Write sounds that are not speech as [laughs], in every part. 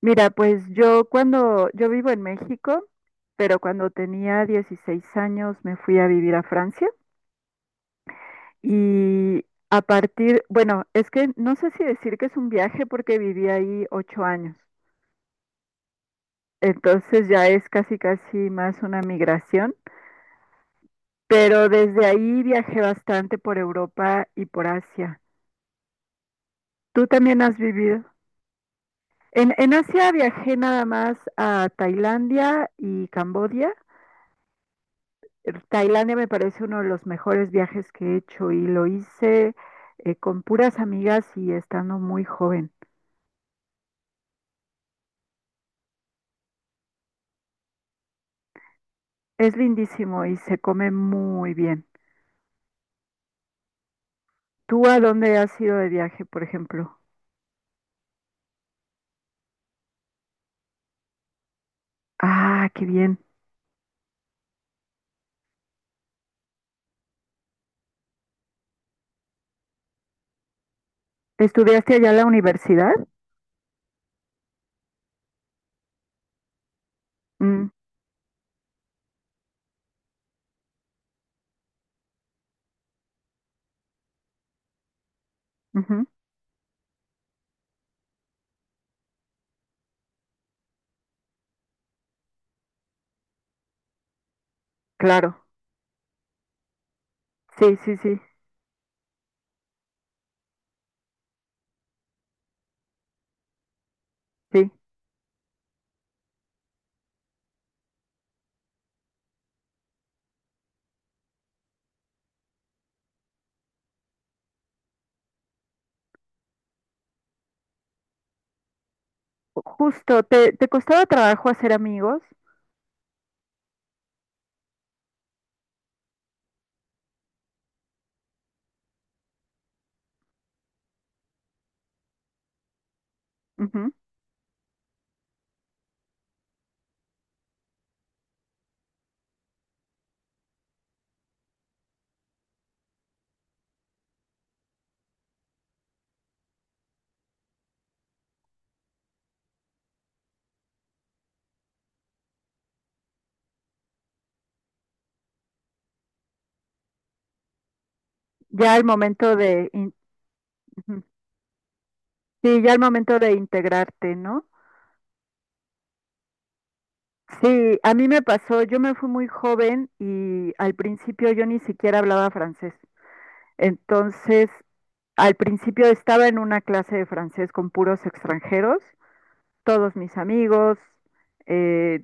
Mira, pues yo vivo en México, pero cuando tenía 16 años me fui a vivir a Francia y a partir, bueno, es que no sé si decir que es un viaje porque viví ahí 8 años, entonces ya es casi casi más una migración, pero desde ahí viajé bastante por Europa y por Asia. ¿Tú también has vivido? En Asia viajé nada más a Tailandia y Camboya. Tailandia me parece uno de los mejores viajes que he hecho, y lo hice con puras amigas y estando muy joven. Es lindísimo y se come muy bien. ¿Tú a dónde has ido de viaje, por ejemplo? Ah, qué bien. ¿Estudiaste allá en la universidad? Mm, ujú, claro. Sí, sí, sí, sí. Justo, ¿te costaba trabajo hacer amigos? Ujú. Ya al momento de, in- ujú. Sí, ya al momento de integrarte, ¿no? Sí, a mí me pasó, yo me fui muy joven y al principio yo ni siquiera hablaba francés. Entonces, al principio estaba en una clase de francés con puros extranjeros, todos mis amigos, eh,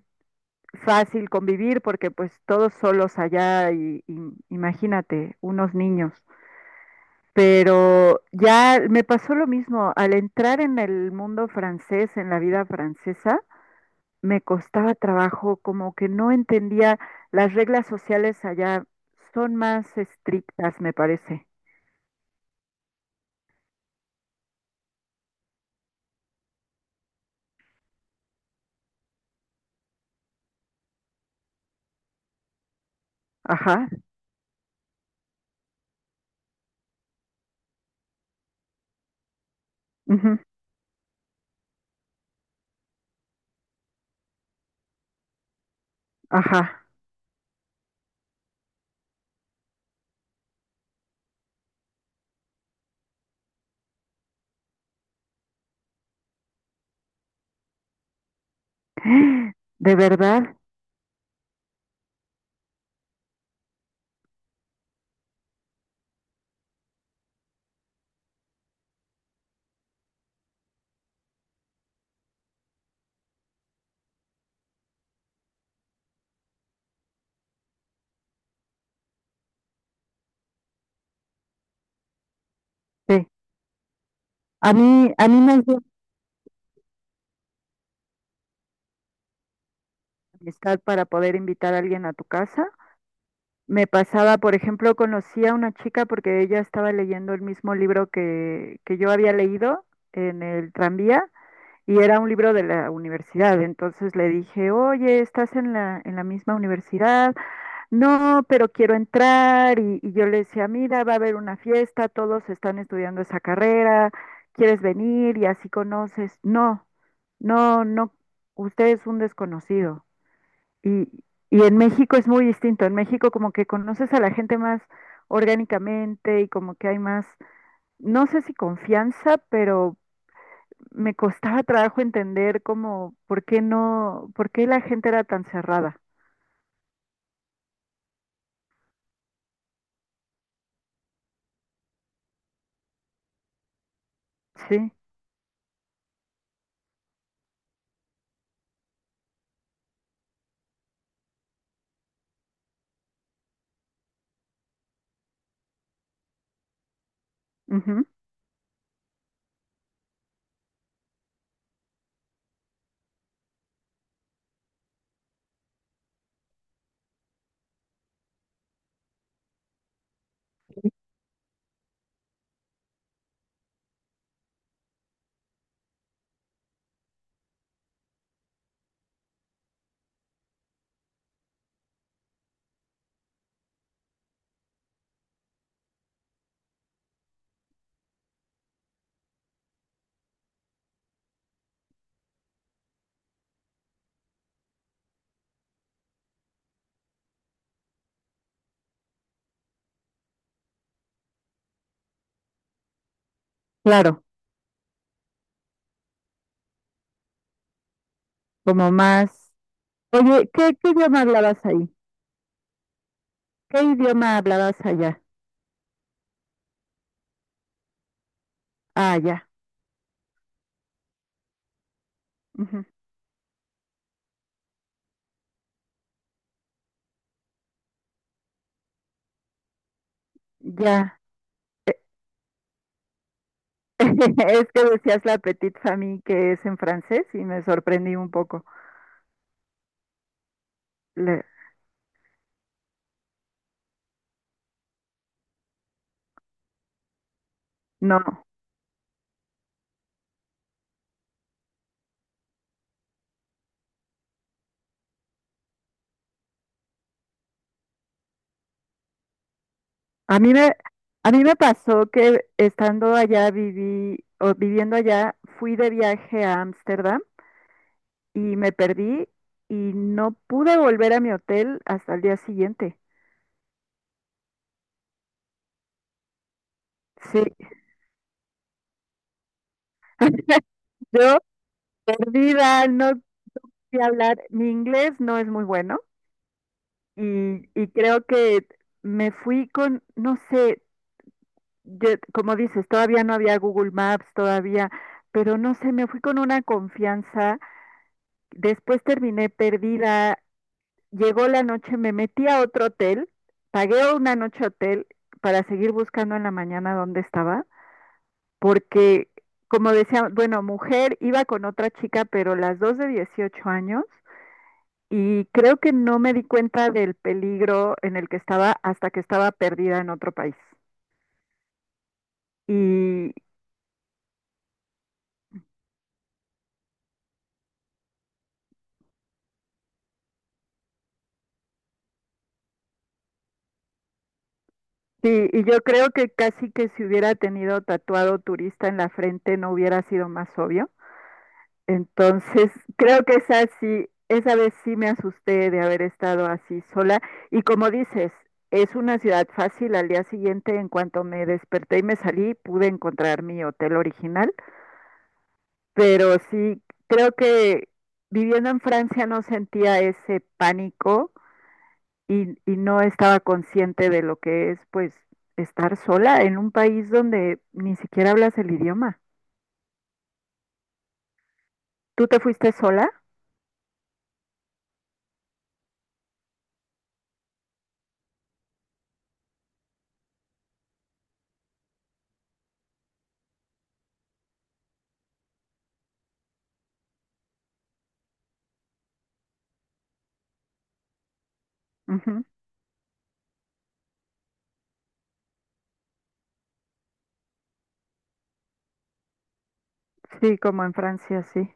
fácil convivir porque pues todos solos allá y imagínate, unos niños. Pero ya me pasó lo mismo, al entrar en el mundo francés, en la vida francesa, me costaba trabajo, como que no entendía, las reglas sociales allá son más estrictas, me parece. Ajá, ujú, ajá. ¿De verdad? Sí. A mí me ayuda la amistad para poder invitar a alguien a tu casa. Me pasaba, por ejemplo, conocí a una chica porque ella estaba leyendo el mismo libro que yo había leído en el tranvía, y era un libro de la universidad. Entonces le dije, oye, ¿estás en la misma universidad? No, pero quiero entrar, y yo le decía, mira, va a haber una fiesta, todos están estudiando esa carrera, ¿quieres venir? Y así conoces. No, no, no, usted es un desconocido. Y, y en México es muy distinto. En México como que conoces a la gente más orgánicamente y como que hay más, no sé si confianza, pero me costaba trabajo entender como por qué no, por qué la gente era tan cerrada. Sí. Ujú. Claro, como más. Oye, ¿qué idioma hablabas ahí? ¿Qué idioma hablabas allá? Ah, ya. Ujú. Ya. [laughs] Es que decías la petite famille, que es en francés, y me sorprendí un poco. Le- no, a mí me, a mí me pasó que estando allá viví o viviendo allá, fui de viaje a Ámsterdam y me perdí, y no pude volver a mi hotel hasta el día siguiente. Sí, [laughs] yo perdida, no sé hablar. Mi inglés no es muy bueno. Y creo que me fui con, no sé, yo- como dices, todavía no había Google Maps, todavía, pero no sé, me fui con una confianza. Después terminé perdida, llegó la noche, me metí a otro hotel, pagué una noche hotel para seguir buscando en la mañana dónde estaba, porque, como decía, bueno, mujer, iba con otra chica, pero las dos de 18 años, y creo que no me di cuenta del peligro en el que estaba hasta que estaba perdida en otro país. Y, y yo creo que casi que si hubiera tenido tatuado turista en la frente no hubiera sido más obvio. Entonces, creo que esa sí, esa vez sí me asusté de haber estado así sola. Y como dices, es una ciudad fácil. Al día siguiente, en cuanto me desperté y me salí, pude encontrar mi hotel original, pero sí, creo que viviendo en Francia no sentía ese pánico, y no estaba consciente de lo que es, pues, estar sola en un país donde ni siquiera hablas el idioma. ¿Tú te fuiste sola? Ujú. Sí, como en Francia, sí.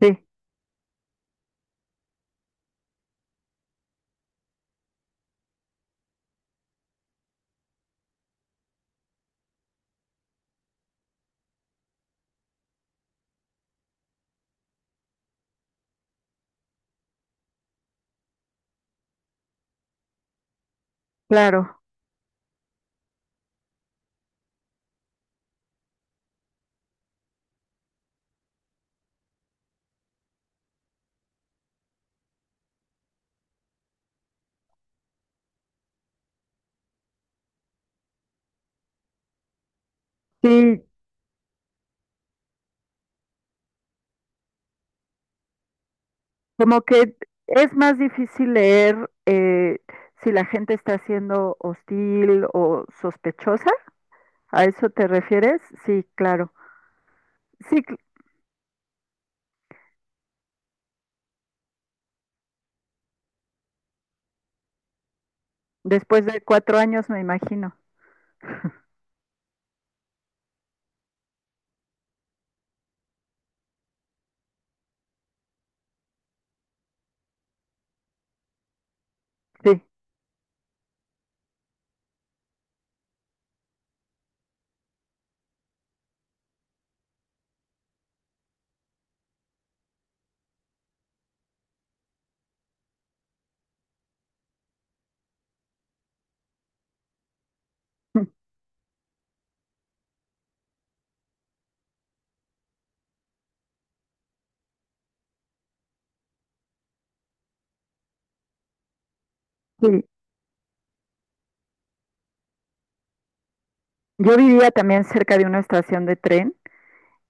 Sí, claro. Sí, como que es más difícil leer si la gente está siendo hostil o sospechosa. ¿A eso te refieres? Sí, claro. Sí. Después de 4 años, me imagino. Sí. [laughs] Sí. Yo vivía también cerca de una estación de tren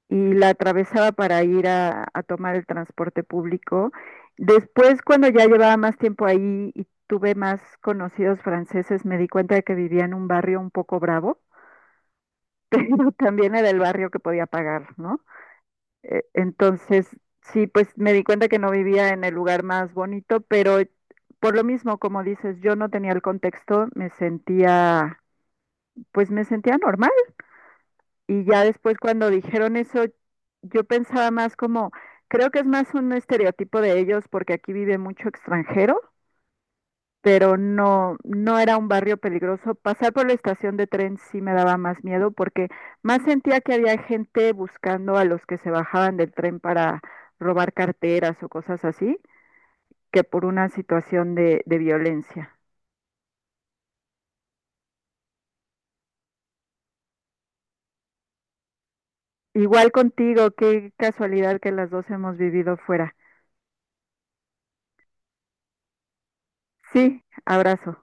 y la atravesaba para ir a tomar el transporte público. Después, cuando ya llevaba más tiempo ahí y tuve más conocidos franceses, me di cuenta de que vivía en un barrio un poco bravo, [laughs] pero también era el barrio que podía pagar, ¿no? Entonces, sí, pues me di cuenta que no vivía en el lugar más bonito, pero por lo mismo, como dices, yo no tenía el contexto, me sentía, pues me sentía normal. Y ya después cuando dijeron eso, yo pensaba más como, creo que es más un estereotipo de ellos porque aquí vive mucho extranjero, pero no, no era un barrio peligroso. Pasar por la estación de tren sí me daba más miedo porque más sentía que había gente buscando a los que se bajaban del tren para robar carteras o cosas así, que por una situación de violencia. Igual contigo, qué casualidad que las dos hemos vivido fuera. Sí, abrazo.